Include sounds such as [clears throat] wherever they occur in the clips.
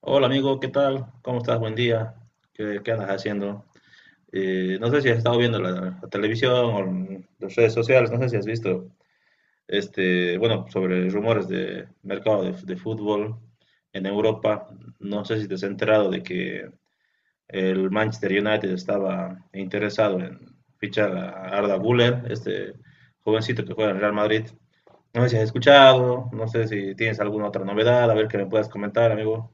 Hola amigo, ¿qué tal? ¿Cómo estás? Buen día. ¿Qué andas haciendo? No sé si has estado viendo la televisión o en las redes sociales, no sé si has visto, bueno, sobre rumores de mercado de fútbol en Europa. No sé si te has enterado de que el Manchester United estaba interesado en fichar a Arda Güler, este jovencito que juega en Real Madrid. No sé si has escuchado, no sé si tienes alguna otra novedad, a ver que me puedas comentar, amigo.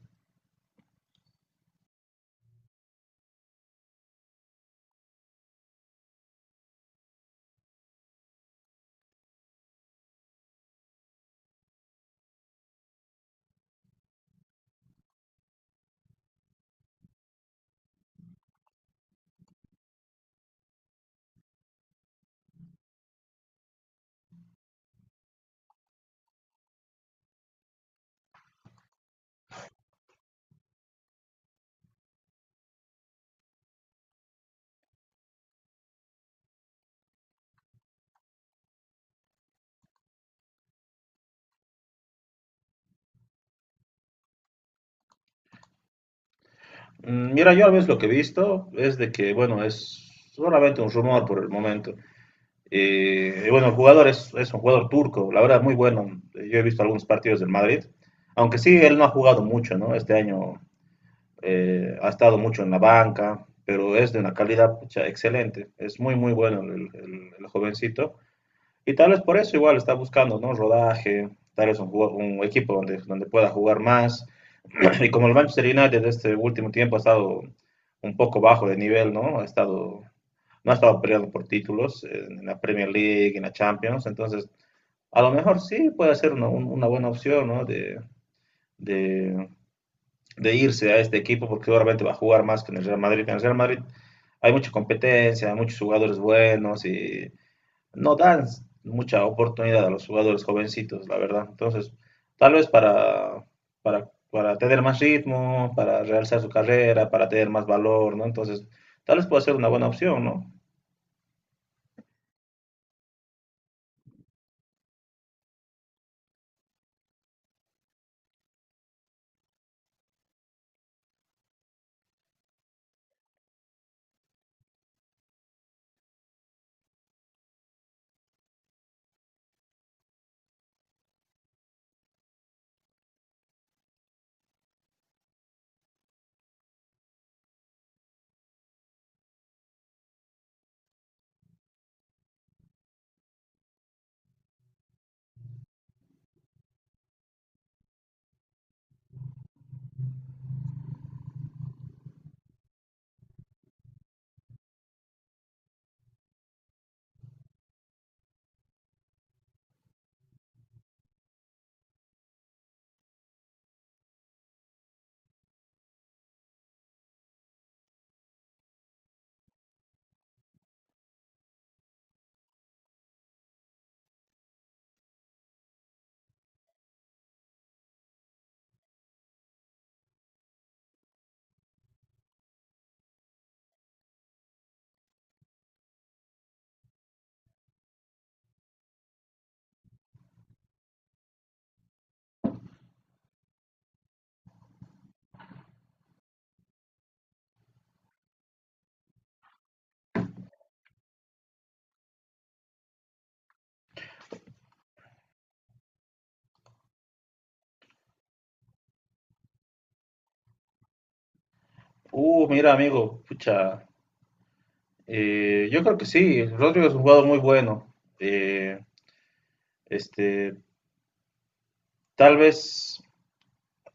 Mira, yo a veces lo que he visto es de que, bueno, es solamente un rumor por el momento. Y bueno, el jugador es un jugador turco, la verdad, muy bueno. Yo he visto algunos partidos del Madrid, aunque sí, él no ha jugado mucho, ¿no? Este año ha estado mucho en la banca, pero es de una calidad pucha, excelente. Es muy, muy bueno el jovencito. Y tal vez por eso igual está buscando, ¿no? Rodaje, tal vez un equipo donde pueda jugar más. [clears throat] Y como el Manchester United este último tiempo ha estado un poco bajo de nivel, ¿no? No ha estado peleando por títulos en la Premier League, en la Champions, entonces a lo mejor sí puede ser una buena opción, ¿no? De, de irse a este equipo porque seguramente va a jugar más que en el Real Madrid. En el Real Madrid hay mucha competencia, hay muchos jugadores buenos y no dan mucha oportunidad a los jugadores jovencitos, la verdad. Entonces, tal vez para tener más ritmo, para realzar su carrera, para tener más valor, ¿no? Entonces, tal vez pueda ser una buena opción, ¿no? Mira, amigo, pucha, yo creo que sí, Rodrigo es un jugador muy bueno. Este, tal vez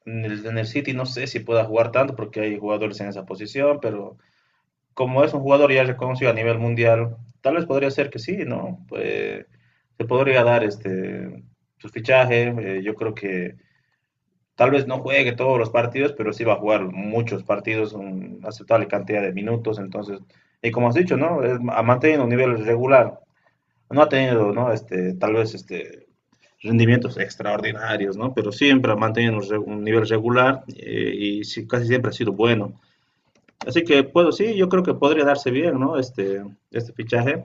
en en el City no sé si pueda jugar tanto porque hay jugadores en esa posición, pero como es un jugador ya reconocido a nivel mundial, tal vez podría ser que sí, ¿no? Pues, se podría dar este su fichaje. Yo creo que tal vez no juegue todos los partidos, pero sí va a jugar muchos partidos, una aceptable cantidad de minutos. Entonces, y como has dicho, ¿no? Ha mantenido un nivel regular. No ha tenido, ¿no? Tal vez este rendimientos extraordinarios, ¿no? Pero siempre ha mantenido un un nivel regular y sí, casi siempre ha sido bueno. Así que puedo, sí, yo creo que podría darse bien, ¿no? Este fichaje.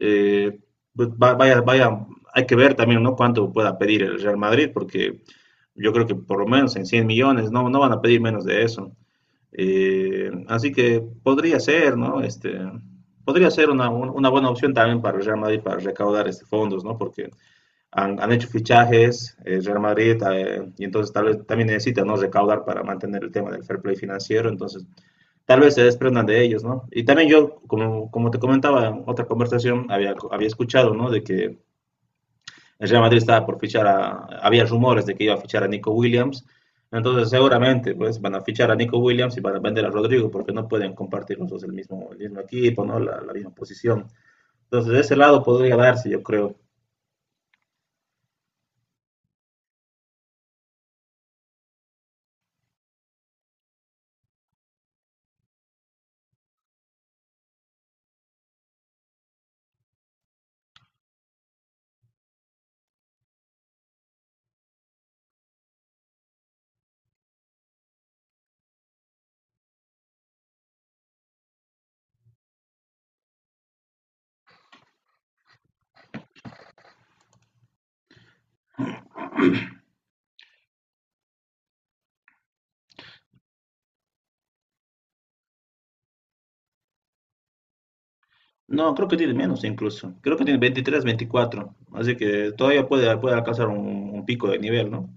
Eh, pues vaya, vaya, hay que ver también, ¿no? Cuánto pueda pedir el Real Madrid, porque yo creo que por lo menos en 100 millones, no, no van a pedir menos de eso. Así que podría ser, ¿no? Podría ser una buena opción también para el Real Madrid para recaudar este fondos, ¿no? Porque han hecho fichajes, el Real Madrid, y entonces tal vez también necesita, ¿no? Recaudar para mantener el tema del fair play financiero, entonces tal vez se desprendan de ellos, ¿no? Y también yo, como te comentaba en otra conversación, había escuchado, ¿no? De que el Real Madrid estaba por fichar a, había rumores de que iba a fichar a Nico Williams, entonces seguramente pues van a fichar a Nico Williams y van a vender a Rodrigo porque no pueden compartir los dos el mismo equipo, ¿no? La misma posición. Entonces de ese lado podría darse, yo creo. No, creo que tiene menos incluso. Creo que tiene 23, 24. Así que todavía puede, puede alcanzar un pico de nivel, ¿no?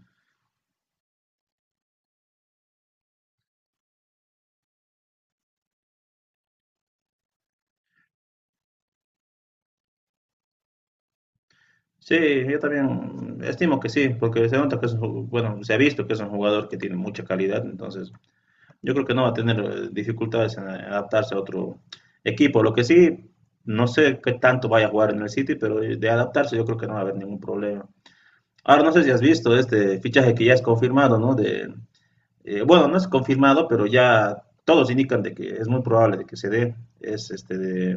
Sí, yo también estimo que sí, porque se nota que es un bueno, se ha visto que es un jugador que tiene mucha calidad, entonces yo creo que no va a tener dificultades en adaptarse a otro equipo. Lo que sí, no sé qué tanto vaya a jugar en el City, pero de adaptarse yo creo que no va a haber ningún problema. Ahora no sé si has visto este fichaje que ya es confirmado, ¿no? De, bueno, no es confirmado, pero ya todos indican de que es muy probable de que se dé. Es este de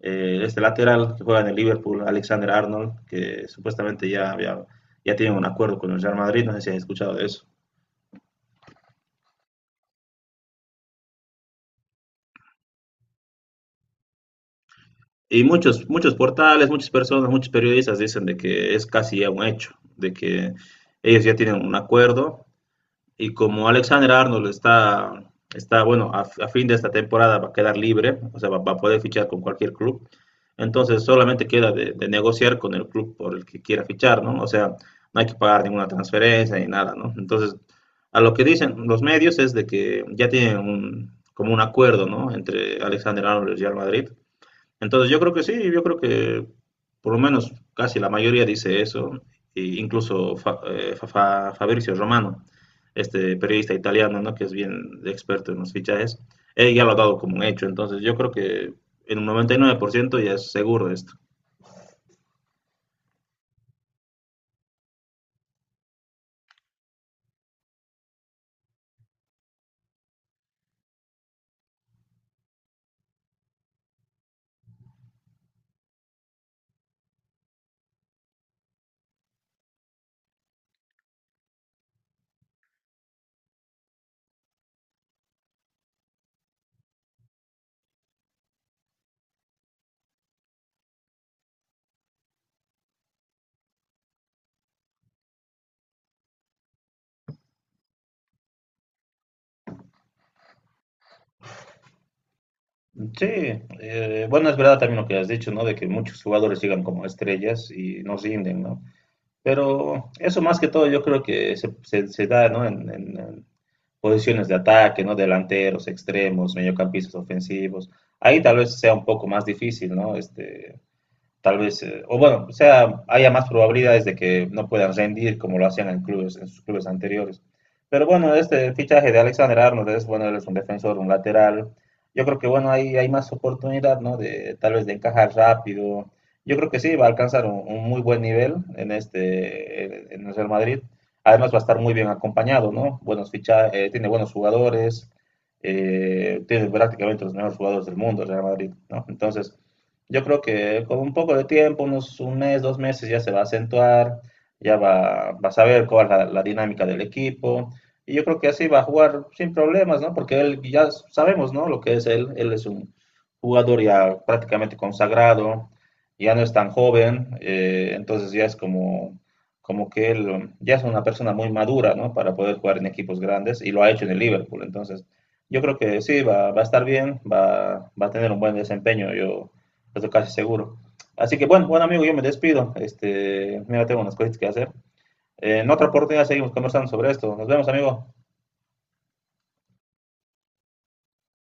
este lateral que juega en el Liverpool, Alexander Arnold, que supuestamente ya tienen un acuerdo con el Real Madrid, no sé si han escuchado de eso. Y muchos portales, muchas personas, muchos periodistas dicen de que es casi ya un hecho, de que ellos ya tienen un acuerdo. Y como Alexander Arnold está bueno, a fin de esta temporada va a quedar libre, o sea, va a poder fichar con cualquier club. Entonces solamente queda de negociar con el club por el que quiera fichar, ¿no? O sea, no hay que pagar ninguna transferencia ni nada, ¿no? Entonces, a lo que dicen los medios es de que ya tienen un, como un acuerdo, ¿no? Entre Alexander Arnold y el Real Madrid. Entonces yo creo que sí, yo creo que por lo menos casi la mayoría dice eso, e incluso Fabrizio Romano, este periodista italiano, ¿no? Que es bien experto en los fichajes, él ya lo ha dado como un hecho, entonces yo creo que en un 99% ya es seguro esto. Sí, bueno, es verdad también lo que has dicho, ¿no? De que muchos jugadores llegan como estrellas y no rinden, ¿no? Pero eso más que todo yo creo que se da, ¿no? en- en- Posiciones de ataque, ¿no? Delanteros, extremos, mediocampistas ofensivos. Ahí tal vez sea un poco más difícil, ¿no? O bueno, sea, haya más probabilidades de que no puedan rendir como lo hacían en clubes, en sus clubes anteriores. Pero bueno, este fichaje de Alexander Arnold es, bueno, él es un defensor, un lateral. Yo creo que, bueno, hay más oportunidad, ¿no? De, tal vez de encajar rápido. Yo creo que sí, va a alcanzar un muy buen nivel en este, en el Real Madrid. Además va a estar muy bien acompañado, ¿no? Buenos ficha tiene buenos jugadores, tiene prácticamente los mejores jugadores del mundo el Real Madrid, ¿no? Entonces, yo creo que con un poco de tiempo, unos un mes, dos meses, ya se va a acentuar, vas a ver cuál es la dinámica del equipo. Y yo creo que así va a jugar sin problemas, ¿no? Porque él ya sabemos, ¿no? Lo que es él. Él es un jugador ya prácticamente consagrado, ya no es tan joven, entonces ya es como, como que él ya es una persona muy madura, ¿no? Para poder jugar en equipos grandes y lo ha hecho en el Liverpool. Entonces, yo creo que sí, va a estar bien, va a tener un buen desempeño. Yo, eso casi seguro. Así que bueno, bueno amigo, yo me despido. Mira, tengo unas cositas que hacer. En otra oportunidad seguimos conversando sobre esto. Nos vemos, amigo.